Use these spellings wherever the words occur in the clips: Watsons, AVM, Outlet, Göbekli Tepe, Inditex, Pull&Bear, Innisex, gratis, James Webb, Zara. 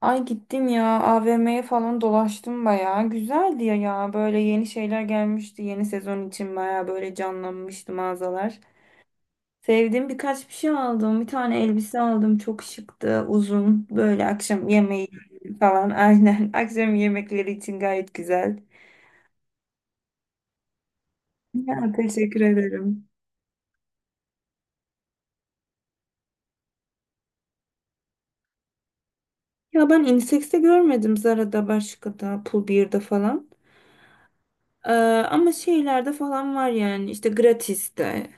Ay gittim ya AVM'ye falan dolaştım bayağı. Güzeldi ya, böyle yeni şeyler gelmişti. Yeni sezon için bayağı böyle canlanmıştı mağazalar. Sevdiğim birkaç şey aldım. Bir tane elbise aldım. Çok şıktı. Uzun. Böyle akşam yemeği falan. Aynen. Akşam yemekleri için gayet güzel. Ya teşekkür ederim. Ya ben Innisex'te görmedim. Zara'da, başka da, Pull&Bear'da falan. Ee, Ama şeylerde falan var, yani işte gratis'te,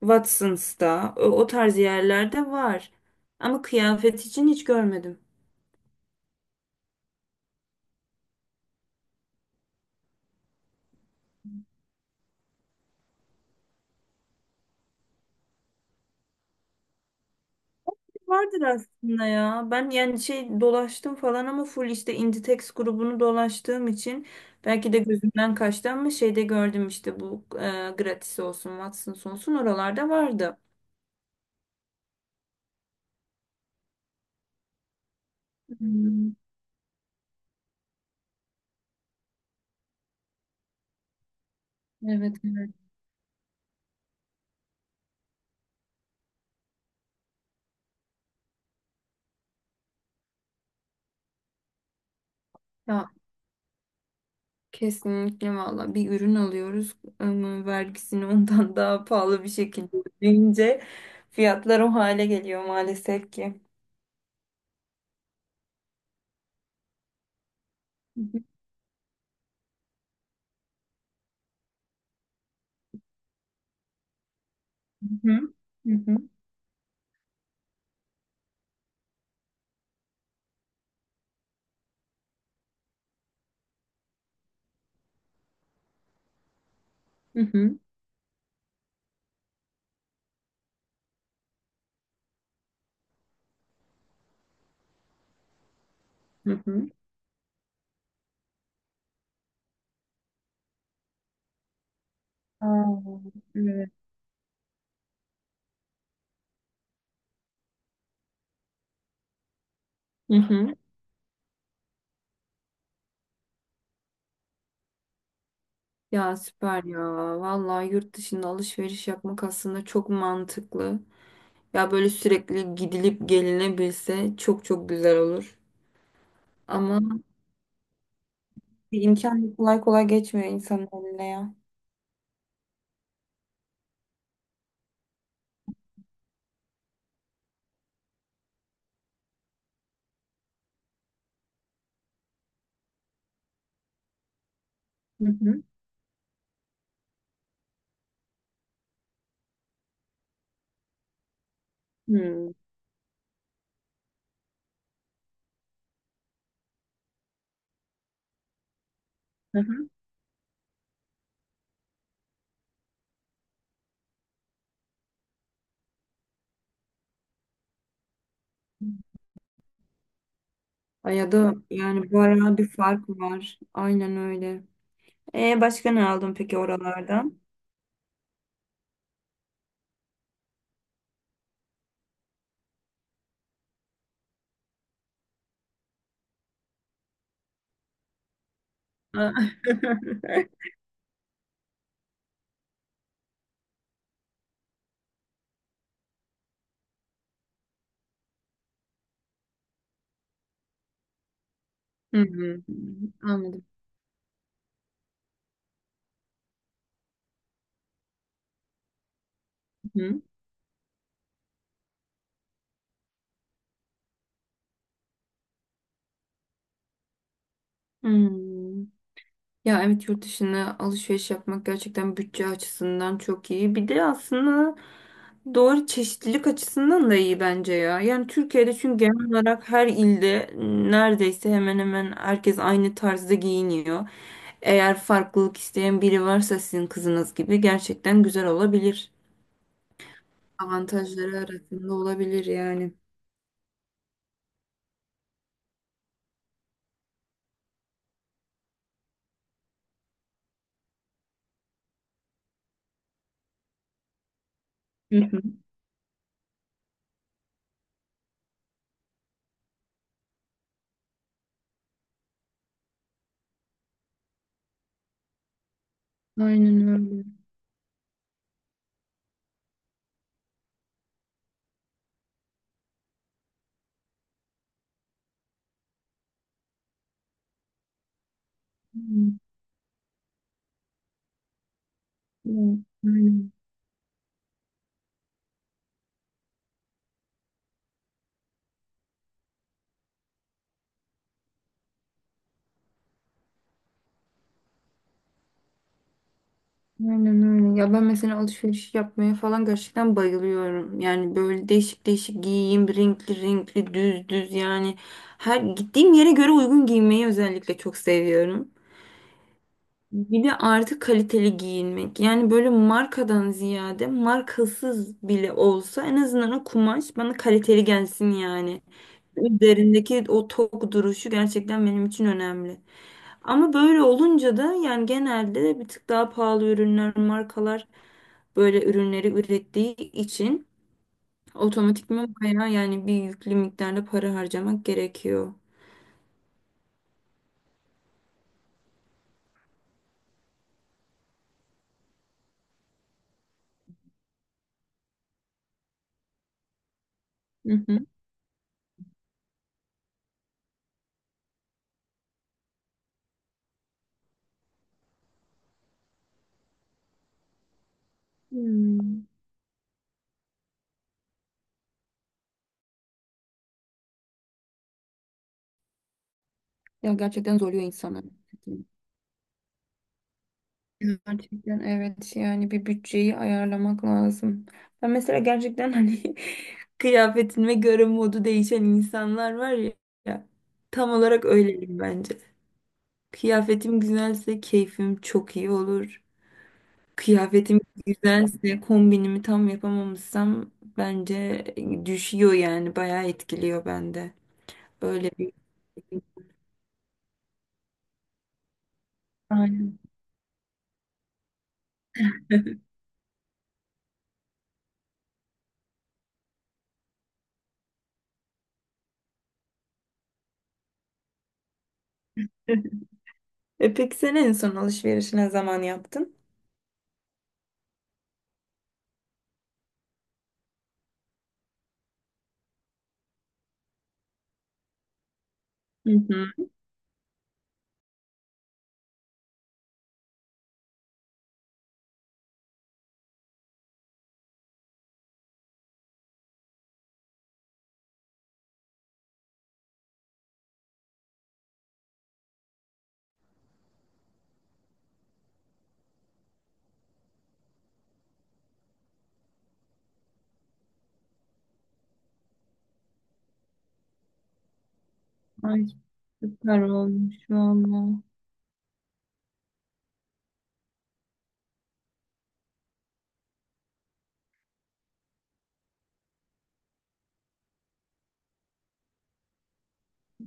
Watsons'ta o tarz yerlerde var. Ama kıyafet için hiç görmedim. Vardır aslında ya. Ben yani şey dolaştım falan ama full işte Inditex grubunu dolaştığım için belki de gözümden kaçtı, ama şeyde gördüm işte bu gratis olsun, Watsons olsun, oralarda vardı. Hmm, evet, evet. Ya, kesinlikle valla bir ürün alıyoruz ama vergisini ondan daha pahalı bir şekilde ödeyince fiyatlar o hale geliyor maalesef ki. Hı hı. Hı hı. Hı hı, hı hı. Aa, evet. Hı hı. Ya süper ya. Vallahi yurt dışında alışveriş yapmak aslında çok mantıklı. Ya böyle sürekli gidilip gelinebilse çok çok güzel olur. Ama bir imkan kolay kolay geçmiyor insanın eline ya. Hı hı. Hmm. Hı hı. Ay, ya da yani bu ara bir fark var. Aynen öyle. E başka ne aldın peki oralardan? Aa. Hı-hı. Anladım. Hı. Hmm. Ya evet, yurt dışına alışveriş yapmak gerçekten bütçe açısından çok iyi. Bir de aslında doğru, çeşitlilik açısından da iyi bence ya. Yani Türkiye'de çünkü genel olarak her ilde neredeyse hemen hemen herkes aynı tarzda giyiniyor. Eğer farklılık isteyen biri varsa, sizin kızınız gibi, gerçekten güzel olabilir. Avantajları arasında olabilir yani. Hı hı. Aynen öyle. Hı. Evet, aynen. Aynen öyle. Ya ben mesela alışveriş yapmaya falan gerçekten bayılıyorum. Yani böyle değişik değişik giyeyim, renkli renkli, düz düz yani. Her gittiğim yere göre uygun giymeyi özellikle çok seviyorum. Bir de artık kaliteli giyinmek. Yani böyle markadan ziyade, markasız bile olsa, en azından o kumaş bana kaliteli gelsin yani. Üzerindeki o tok duruşu gerçekten benim için önemli. Ama böyle olunca da yani genelde bir tık daha pahalı ürünler, markalar böyle ürünleri ürettiği için otomatikman bayağı yani bir yüklü miktarda para harcamak gerekiyor. Hı hı. Hmm. Ya gerçekten zorluyor insanı. Gerçekten evet, yani bir bütçeyi ayarlamak lazım. Ben mesela gerçekten hani kıyafetime göre modu değişen insanlar var ya, tam olarak öyleyim bence. Kıyafetim güzelse keyfim çok iyi olur. Kıyafetim güzelse, kombinimi tam yapamamışsam, bence düşüyor, yani bayağı etkiliyor bende. Öyle bir... Aynen. E peki sen en son alışverişi ne zaman yaptın? Hı hı. Ay süper olmuş valla.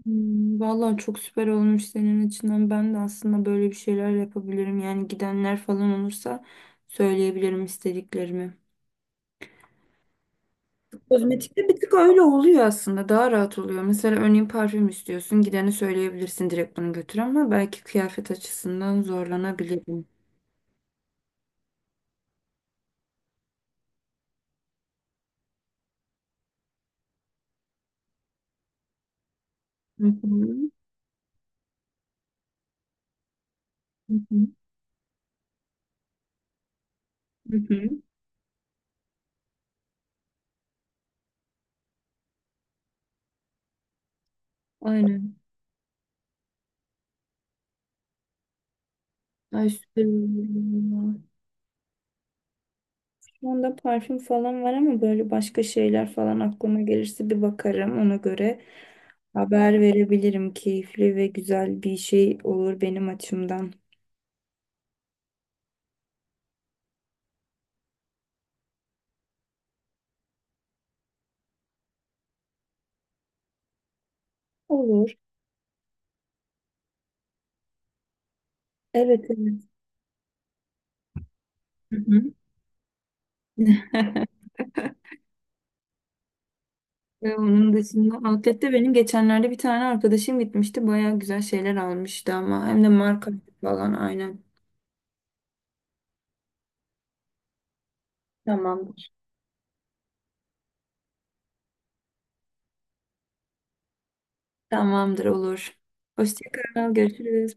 Hmm, valla çok süper olmuş senin açından. Ben de aslında böyle bir şeyler yapabilirim. Yani gidenler falan olursa söyleyebilirim istediklerimi. Kozmetikte bir tık öyle oluyor aslında. Daha rahat oluyor. Mesela örneğin parfüm istiyorsun. Gideni söyleyebilirsin, direkt bunu götür, ama belki kıyafet açısından zorlanabilirim. Hı hı. Hı hı. Hı hı. Aynen. Ay süper olur. Şu anda parfüm falan var ama böyle başka şeyler falan aklıma gelirse bir bakarım. Ona göre haber verebilirim. Keyifli ve güzel bir şey olur benim açımdan. Olur. Evet, evet. Hı hı. Ve onun dışında outlet'te benim geçenlerde bir tane arkadaşım gitmişti. Baya güzel şeyler almıştı, ama hem de marka falan, aynen. Tamamdır. Tamamdır, olur. Hoşça kal, görüşürüz.